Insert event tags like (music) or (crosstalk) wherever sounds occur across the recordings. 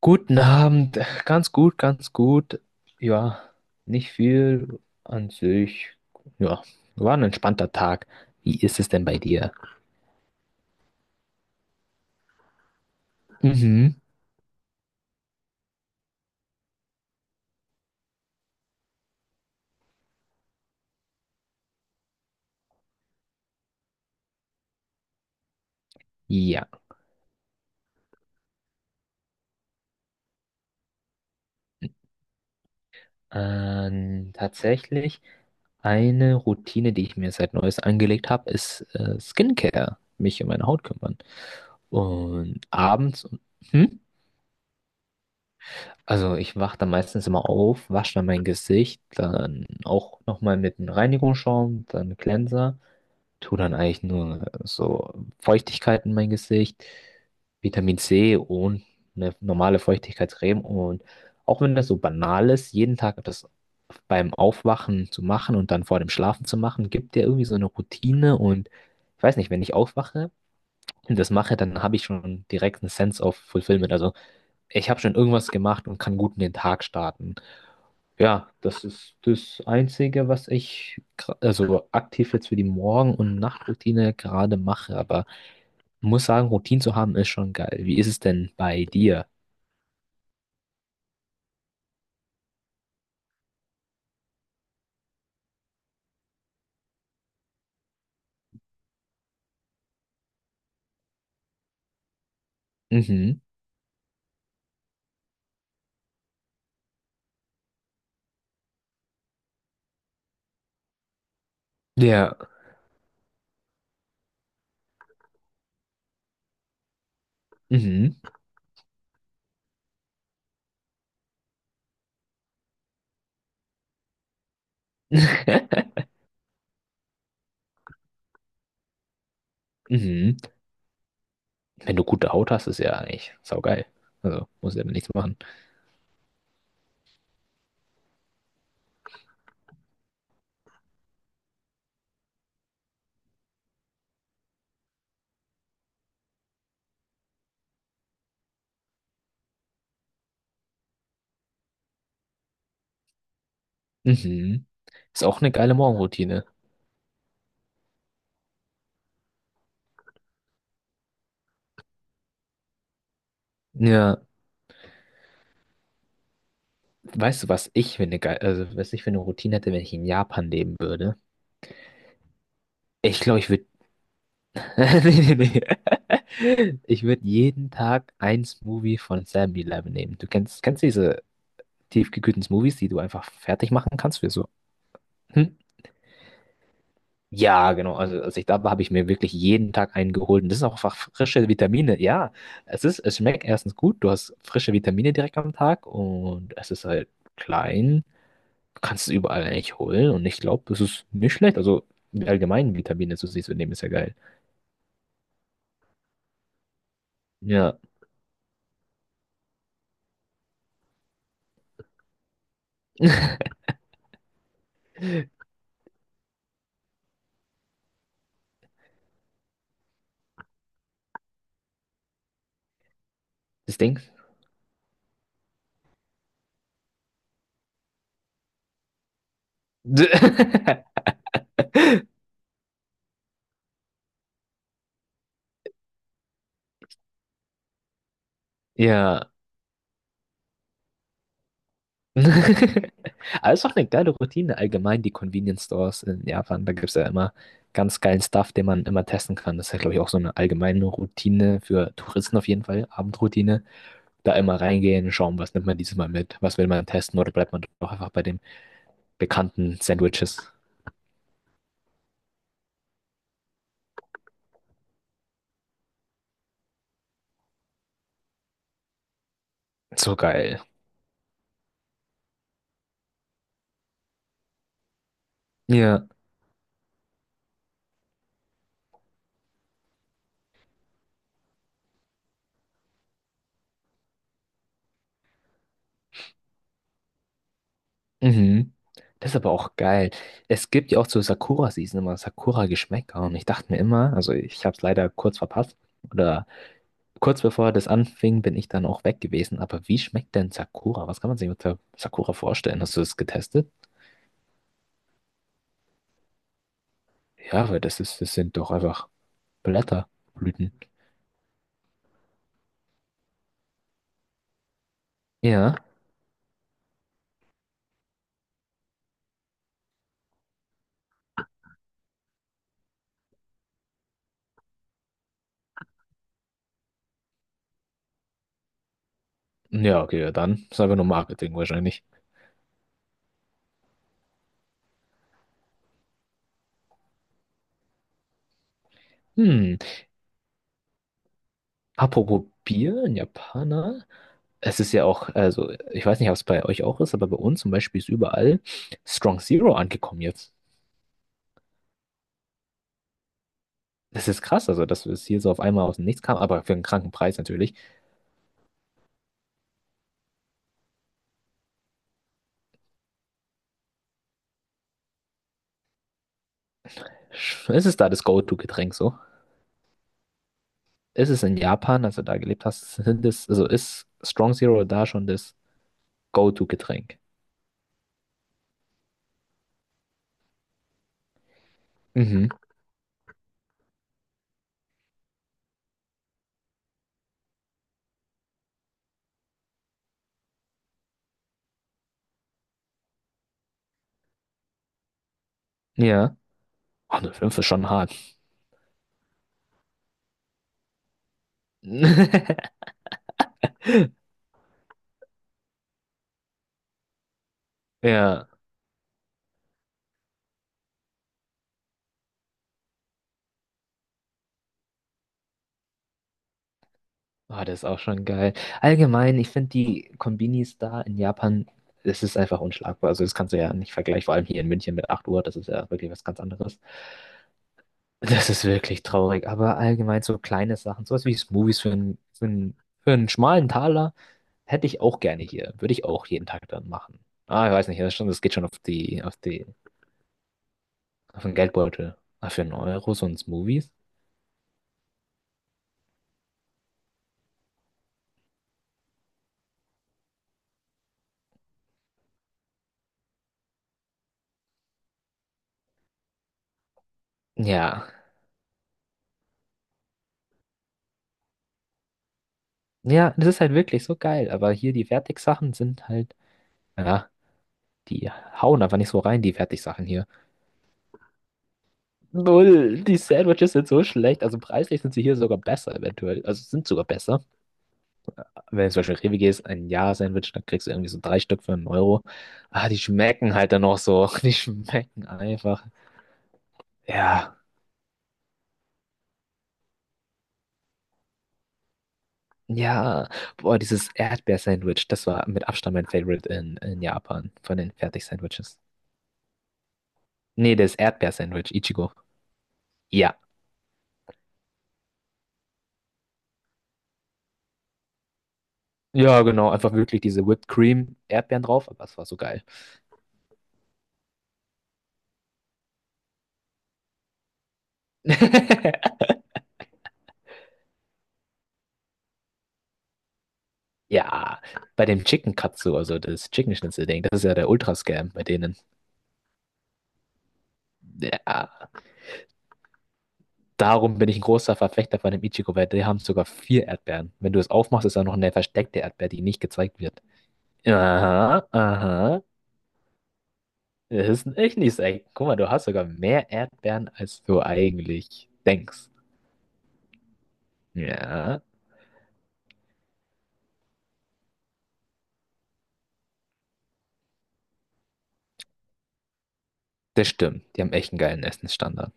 Guten Abend, ganz gut, ganz gut. Ja, nicht viel an sich. Ja, war ein entspannter Tag. Wie ist es denn bei dir? Mhm. Ja, tatsächlich eine Routine, die ich mir seit Neues angelegt habe, ist Skincare, mich um meine Haut kümmern. Und abends, hm? Also ich wache dann meistens immer auf, wasche dann mein Gesicht, dann auch nochmal mit einem Reinigungsschaum, dann Cleanser. Tue dann eigentlich nur so Feuchtigkeit in mein Gesicht, Vitamin C und eine normale Feuchtigkeitscreme. Und auch wenn das so banal ist, jeden Tag das beim Aufwachen zu machen und dann vor dem Schlafen zu machen, gibt dir irgendwie so eine Routine. Und ich weiß nicht, wenn ich aufwache und das mache, dann habe ich schon direkt einen Sense of Fulfillment. Also ich habe schon irgendwas gemacht und kann gut in den Tag starten. Ja, das ist das Einzige, was ich also aktiv jetzt für die Morgen- und Nachtroutine gerade mache. Aber muss sagen, Routinen zu haben ist schon geil. Wie ist es denn bei dir? Mhm. Ja. Mhm. (laughs) Mhm. Wenn du gute Haut hast, ist ja eigentlich saugeil. Also muss ja nichts machen. Mhm. Ist auch eine geile Morgenroutine. Ja. Weißt du, was ich für eine Routine hätte, wenn ich in Japan leben würde? Ich glaube, ich würde (laughs) Nee, nee, nee. (laughs) Ich würde jeden Tag ein Smoothie von 7-Eleven nehmen. Kennst du diese tiefgekühlten Smoothies, die du einfach fertig machen kannst für so. Hm? Ja, genau. Also als ich da war, habe ich mir wirklich jeden Tag einen geholt. Und das sind auch einfach frische Vitamine. Ja, es ist, es schmeckt erstens gut. Du hast frische Vitamine direkt am Tag und es ist halt klein. Du kannst es überall eigentlich holen. Und ich glaube, das ist nicht schlecht. Also allgemein Vitamine zu sich zu nehmen, ist ja geil. Ja. (laughs) Das Ding. (laughs) Ja. (laughs) Aber es ist auch eine geile Routine allgemein, die Convenience Stores in Japan. Da gibt es ja immer ganz geilen Stuff, den man immer testen kann. Das ist ja, glaube ich, auch so eine allgemeine Routine für Touristen auf jeden Fall, Abendroutine. Da immer reingehen, schauen, was nimmt man dieses Mal mit, was will man testen oder bleibt man doch einfach bei den bekannten Sandwiches. So geil. Ja. Mhm. Das ist aber auch geil. Es gibt ja auch zur Sakura-Season immer Sakura-Geschmäcker und ich dachte mir immer, also ich habe es leider kurz verpasst oder kurz bevor das anfing, bin ich dann auch weg gewesen. Aber wie schmeckt denn Sakura? Was kann man sich unter Sakura vorstellen? Hast du das getestet? Ja, weil das ist, das sind doch einfach Blätter, Blüten. Ja. Ja, okay, ja, dann ist einfach nur Marketing wahrscheinlich. Hm. Apropos Bier, ein Japaner. Es ist ja auch, also ich weiß nicht, ob es bei euch auch ist, aber bei uns zum Beispiel ist überall Strong Zero angekommen jetzt. Das ist krass, also dass es hier so auf einmal aus dem Nichts kam, aber für einen kranken Preis natürlich. Es ist da das Go-To-Getränk so. Ist es in Japan, als du da gelebt hast, sind es, also ist Strong Zero da schon das Go-To-Getränk? Mhm. Ja. Oh, eine fünf ist schon hart. (laughs) Ja. Oh, das ist auch schon geil. Allgemein, ich finde die Konbinis da in, Japan, das ist einfach unschlagbar. Also das kannst du ja nicht vergleichen, vor allem hier in München mit 8 Uhr, das ist ja wirklich was ganz anderes. Das ist wirklich traurig, aber allgemein so kleine Sachen, sowas wie Smoothies für einen schmalen Taler, hätte ich auch gerne hier. Würde ich auch jeden Tag dann machen. Ah, ich weiß nicht, das ist schon, das geht schon auf den Geldbeutel. Ah, für 1 Euro so ein Smoothies? Ja. Ja, das ist halt wirklich so geil, aber hier die Fertigsachen sind halt, ja, die hauen einfach nicht so rein, die Fertigsachen hier. Null, die Sandwiches sind so schlecht, also preislich sind sie hier sogar besser eventuell, also sind sogar besser. Wenn du zum Beispiel in Rewe gehst, ein Ja-Sandwich, dann kriegst du irgendwie so drei Stück für 1 Euro. Ah, die schmecken halt dann noch so. (laughs) Die schmecken einfach. Ja. Ja. Boah, dieses Erdbeer-Sandwich, das war mit Abstand mein Favorite in Japan von den Fertig-Sandwiches. Nee, das Erdbeer-Sandwich, Ichigo. Ja. Ja, genau. Einfach wirklich diese Whipped Cream, Erdbeeren drauf, aber es war so geil. (laughs) Ja, bei dem Chicken Katsu, also das Chicken Schnitzel Ding, das ist ja der Ultra-Scam bei denen. Ja. Darum bin ich ein großer Verfechter von dem Ichigo, weil die haben sogar vier Erdbeeren. Wenn du es aufmachst, ist da noch eine versteckte Erdbeer, die nicht gezeigt wird. Aha, aha. Das ist ein Echnis, ey. Guck mal, du hast sogar mehr Erdbeeren, als du eigentlich denkst. Ja, das stimmt. Die haben echt einen geilen Essensstandard.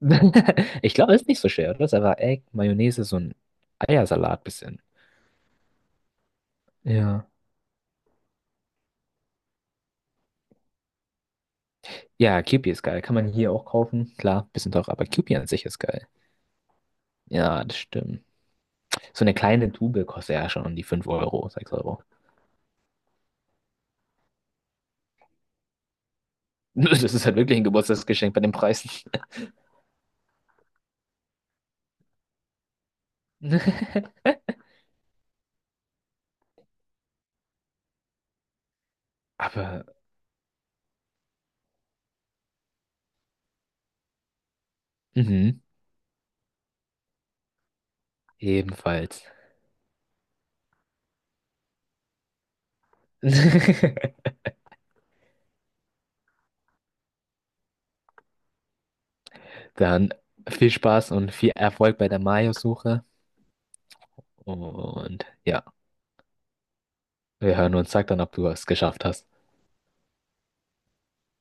(laughs) Ich glaube, das ist nicht so schwer, oder? Das ist einfach Egg, Mayonnaise, so ein Eiersalat bisschen. Ja. Ja, Kewpie ist geil. Kann man hier auch kaufen. Klar, bisschen teurer, aber Kewpie an sich ist geil. Ja, das stimmt. So eine kleine Tube kostet ja schon um die 5 Euro, 6 Euro. (laughs) Das ist halt wirklich ein Geburtstagsgeschenk bei den Preisen. (laughs) Aber, mhm, ebenfalls. (laughs) Dann viel Spaß und viel Erfolg bei der Mayo-Suche. Und ja, wir hören uns. Sag dann, ob du es geschafft hast.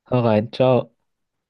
Hau rein, ciao.